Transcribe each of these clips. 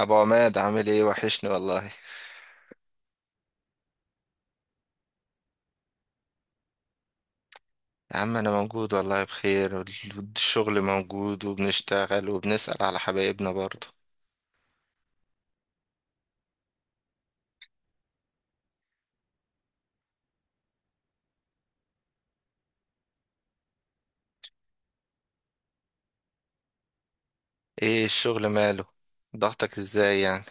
ابو عماد، عامل ايه؟ وحشني والله. يا عم انا موجود والله، بخير والشغل موجود وبنشتغل وبنسأل على حبايبنا برضه. ايه الشغل ماله؟ ضغطك ازاي يعني؟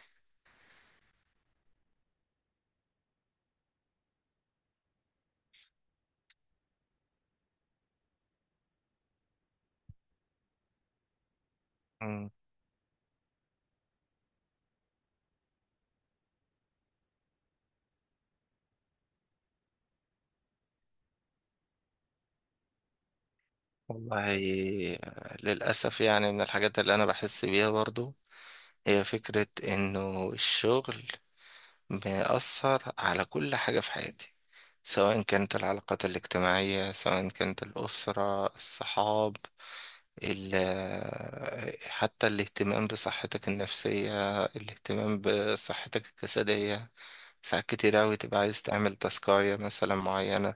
مم. والله، للأسف يعني من الحاجات اللي انا بحس بيها برضه هي فكرة انه الشغل بيأثر على كل حاجة في حياتي، سواء كانت العلاقات الاجتماعية، سواء كانت الأسرة، الصحاب، حتى الاهتمام بصحتك النفسية، الاهتمام بصحتك الجسدية. ساعات كتير أوي تبقى عايز تعمل تاسكاية مثلا معينة،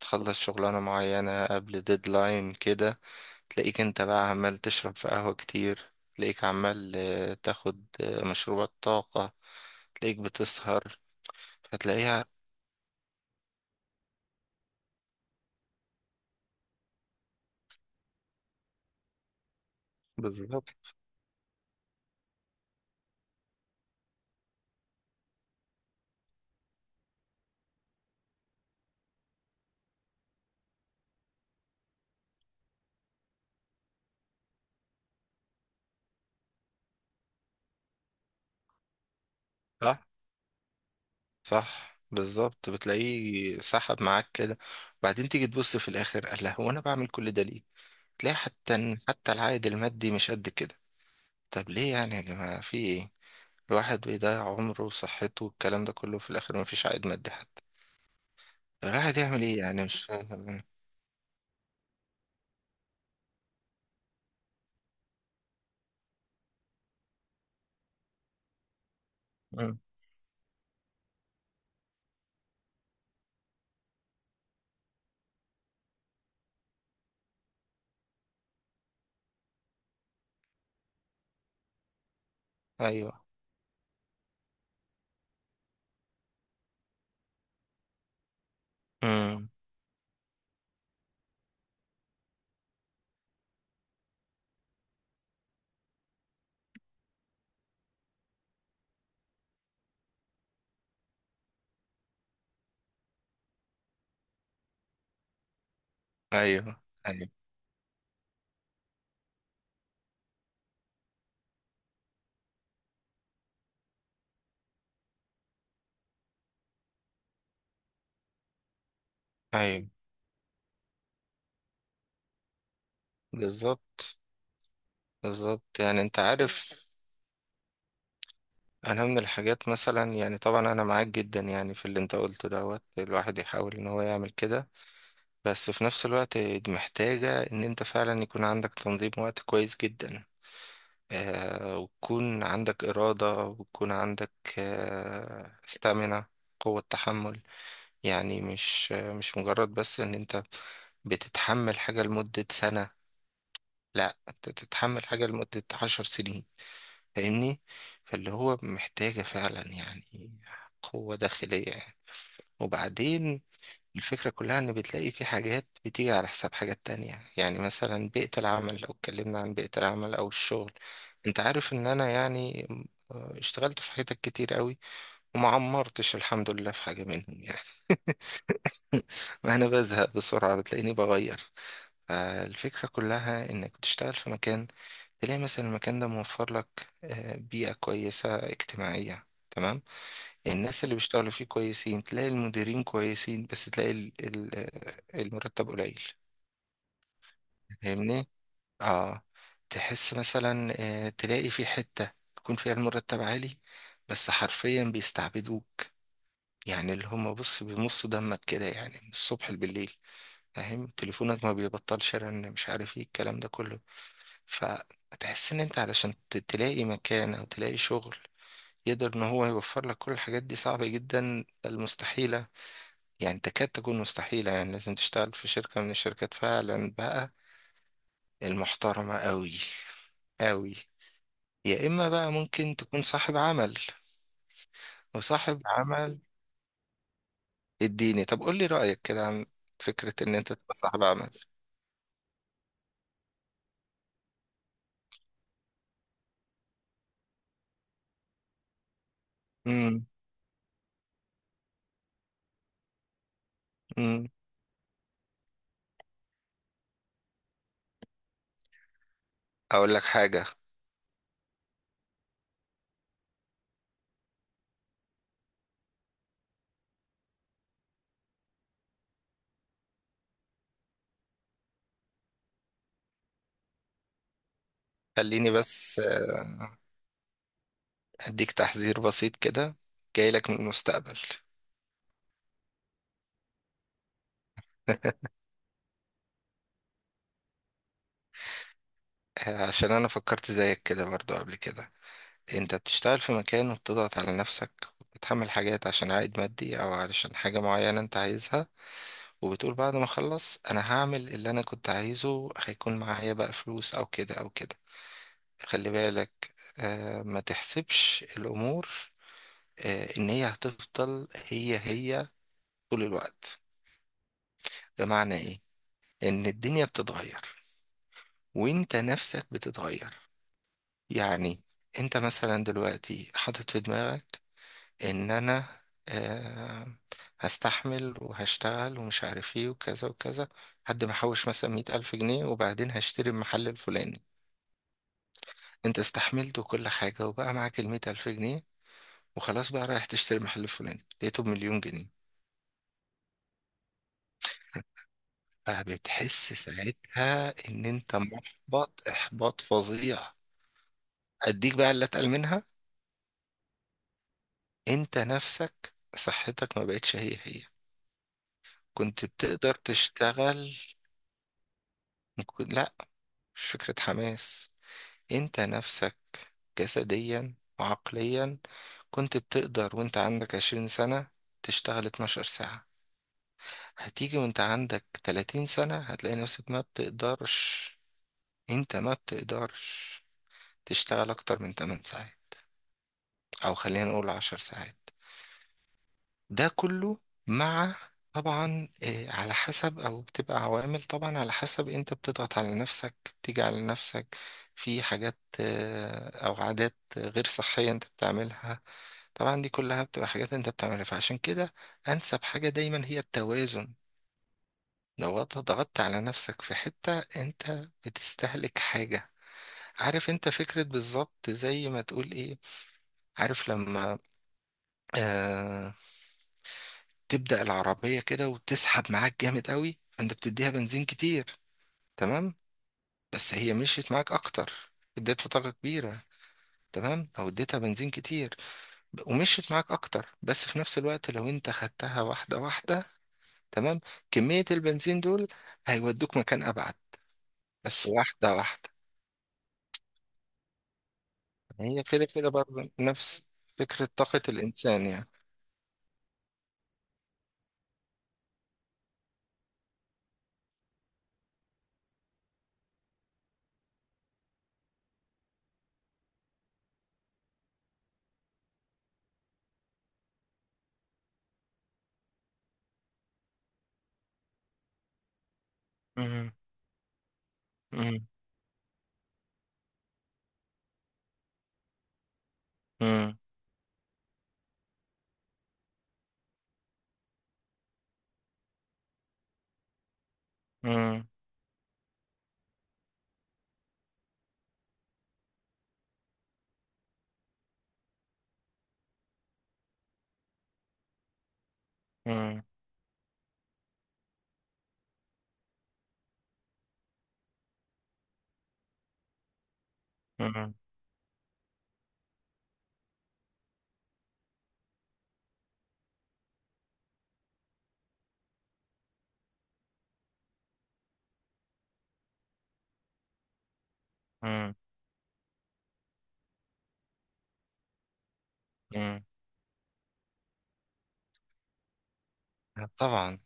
تخلص شغلانة معينة قبل ديدلاين كده. تلاقيك انت بقى عمال تشرب في قهوة كتير، تلاقيك عمال تاخد مشروبات طاقة. تلاقيك بتسهر، فتلاقيها. بالظبط. صح، صح، بالظبط، بتلاقيه سحب معاك كده. بعدين تيجي تبص في الاخر، قال لها هو انا بعمل كل ده ليه؟ تلاقي حتى العائد المادي مش قد كده. طب ليه يعني يا جماعة، في ايه؟ الواحد بيضيع عمره وصحته والكلام ده كله في الاخر، مفيش عائد مادي حتى. طب الواحد يعمل ايه يعني؟ مش فاهم. مم. ايوه. مم. ايوه، ايوه، ايوه، بالظبط. بالظبط يعني انت عارف، انا من الحاجات مثلا يعني، طبعا انا معاك جدا يعني في اللي انت قلته، دوت الواحد يحاول ان هو يعمل كده. بس في نفس الوقت دي محتاجة ان انت فعلا يكون عندك تنظيم وقت كويس جدا، وتكون عندك إرادة وتكون عندك، استامنة، قوة تحمل. يعني مش مجرد بس ان انت بتتحمل حاجة لمدة سنة، لا، انت تتحمل حاجة لمدة 10 سنين. فاهمني؟ فاللي هو محتاجة فعلا يعني قوة داخلية يعني. وبعدين، الفكرة كلها إن بتلاقي في حاجات بتيجي على حساب حاجات تانية. يعني مثلا بيئة العمل، لو اتكلمنا عن بيئة العمل أو الشغل، أنت عارف إن أنا يعني، اشتغلت في حتت كتير قوي، وما عمرتش الحمد لله في حاجة منهم يعني. ما أنا بزهق بسرعة، بتلاقيني بغير. فالفكرة كلها إنك بتشتغل في مكان، تلاقي مثلا المكان ده موفر لك بيئة كويسة اجتماعية، تمام. يعني الناس اللي بيشتغلوا فيه كويسين، تلاقي المديرين كويسين، بس تلاقي المرتب قليل. فاهمني؟ اه. تحس مثلا، تلاقي في حتة يكون فيها المرتب عالي، بس حرفيا بيستعبدوك. يعني اللي هم، بص، بيمصوا دمك كده يعني، من الصبح بالليل. فاهم، تليفونك ما بيبطلش رن، مش عارف ايه الكلام ده كله. فتحس ان انت علشان تلاقي مكان او تلاقي شغل، يقدر ان هو يوفر لك كل الحاجات دي صعبة جدا، المستحيلة. يعني تكاد تكون مستحيلة، يعني لازم تشتغل في شركة من الشركات فعلا بقى، المحترمة قوي قوي. يا اما بقى ممكن تكون صاحب عمل. وصاحب عمل، اديني طب قول لي رأيك كده عن فكرة ان انت تبقى صاحب عمل. امم. امم. اقول لك حاجة. خليني بس اديك تحذير بسيط كده، جاي لك من المستقبل. عشان انا فكرت زيك كده برضو قبل كده. انت بتشتغل في مكان وبتضغط على نفسك، وبتحمل حاجات عشان عائد مادي او علشان حاجة معينة انت عايزها، وبتقول بعد ما اخلص انا هعمل اللي انا كنت عايزه، هيكون معايا بقى فلوس او كده او كده. خلي بالك ما تحسبش الامور ان هي هتفضل هي هي طول الوقت. بمعنى ايه؟ ان الدنيا بتتغير، وانت نفسك بتتغير يعني. انت مثلا دلوقتي حاطط في دماغك ان انا، آه، هستحمل وهشتغل ومش عارف ايه وكذا وكذا، لحد ما احوش مثلا 100 الف جنيه، وبعدين هشتري المحل الفلاني. انت استحملت وكل حاجة وبقى معاك ال100 الف جنيه، وخلاص بقى رايح تشتري المحل الفلاني، لقيته بمليون جنيه. فبتحس ساعتها ان انت محبط احباط فظيع. اديك بقى اللي اتقل منها. انت نفسك صحتك ما بقتش هي هي، كنت بتقدر تشتغل. لا، مش فكرة حماس. انت نفسك جسديا وعقليا، كنت بتقدر وانت عندك 20 سنة تشتغل 12 ساعة. هتيجي وانت عندك 30 سنة هتلاقي نفسك ما بتقدرش. انت ما بتقدرش تشتغل اكتر من 8 ساعات، او خلينا نقول 10 ساعات. ده كله مع، طبعا إيه، على حسب، او بتبقى عوامل طبعا على حسب انت بتضغط على نفسك، بتيجي على نفسك في حاجات، او عادات غير صحية انت بتعملها. طبعا دي كلها بتبقى حاجات انت بتعملها، فعشان كده انسب حاجة دايما هي التوازن. لو انت ضغطت على نفسك في حتة، انت بتستهلك حاجة. عارف، انت فكرة بالظبط زي ما تقول ايه، عارف لما آه تبدأ العربية كده وتسحب معاك جامد قوي، انت بتديها بنزين كتير. تمام. بس هي مشيت معاك اكتر، اديتها طاقة كبيرة، تمام، او اديتها بنزين كتير، ومشيت معاك اكتر. بس في نفس الوقت لو انت خدتها واحدة واحدة، تمام، كمية البنزين دول هيودوك مكان أبعد، بس واحدة واحدة. هي كده كده برضه نفس فكرة طاقة الإنسان يعني. مم، مم، مم، مم، مم، مم، مم، مم. طبعا.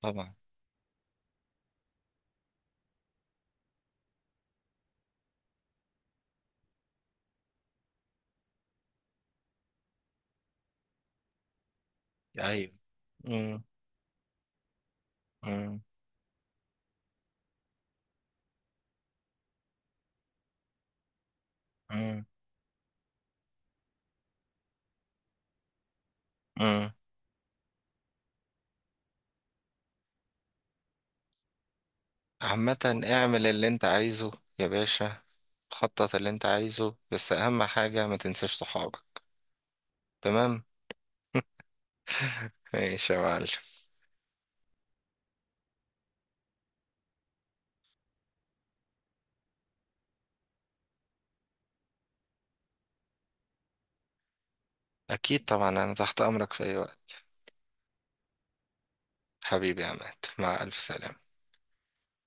طبعا. أيوة. مم، مم، مم، مم. عامة اعمل اللي أنت عايزه يا باشا. خطط اللي أنت عايزه، بس أهم حاجة ما تنساش صحابك. تمام. ماشي يا معلم. أكيد طبعا، أنا تحت أمرك في أي وقت. حبيبي يا عماد، مع ألف سلامة.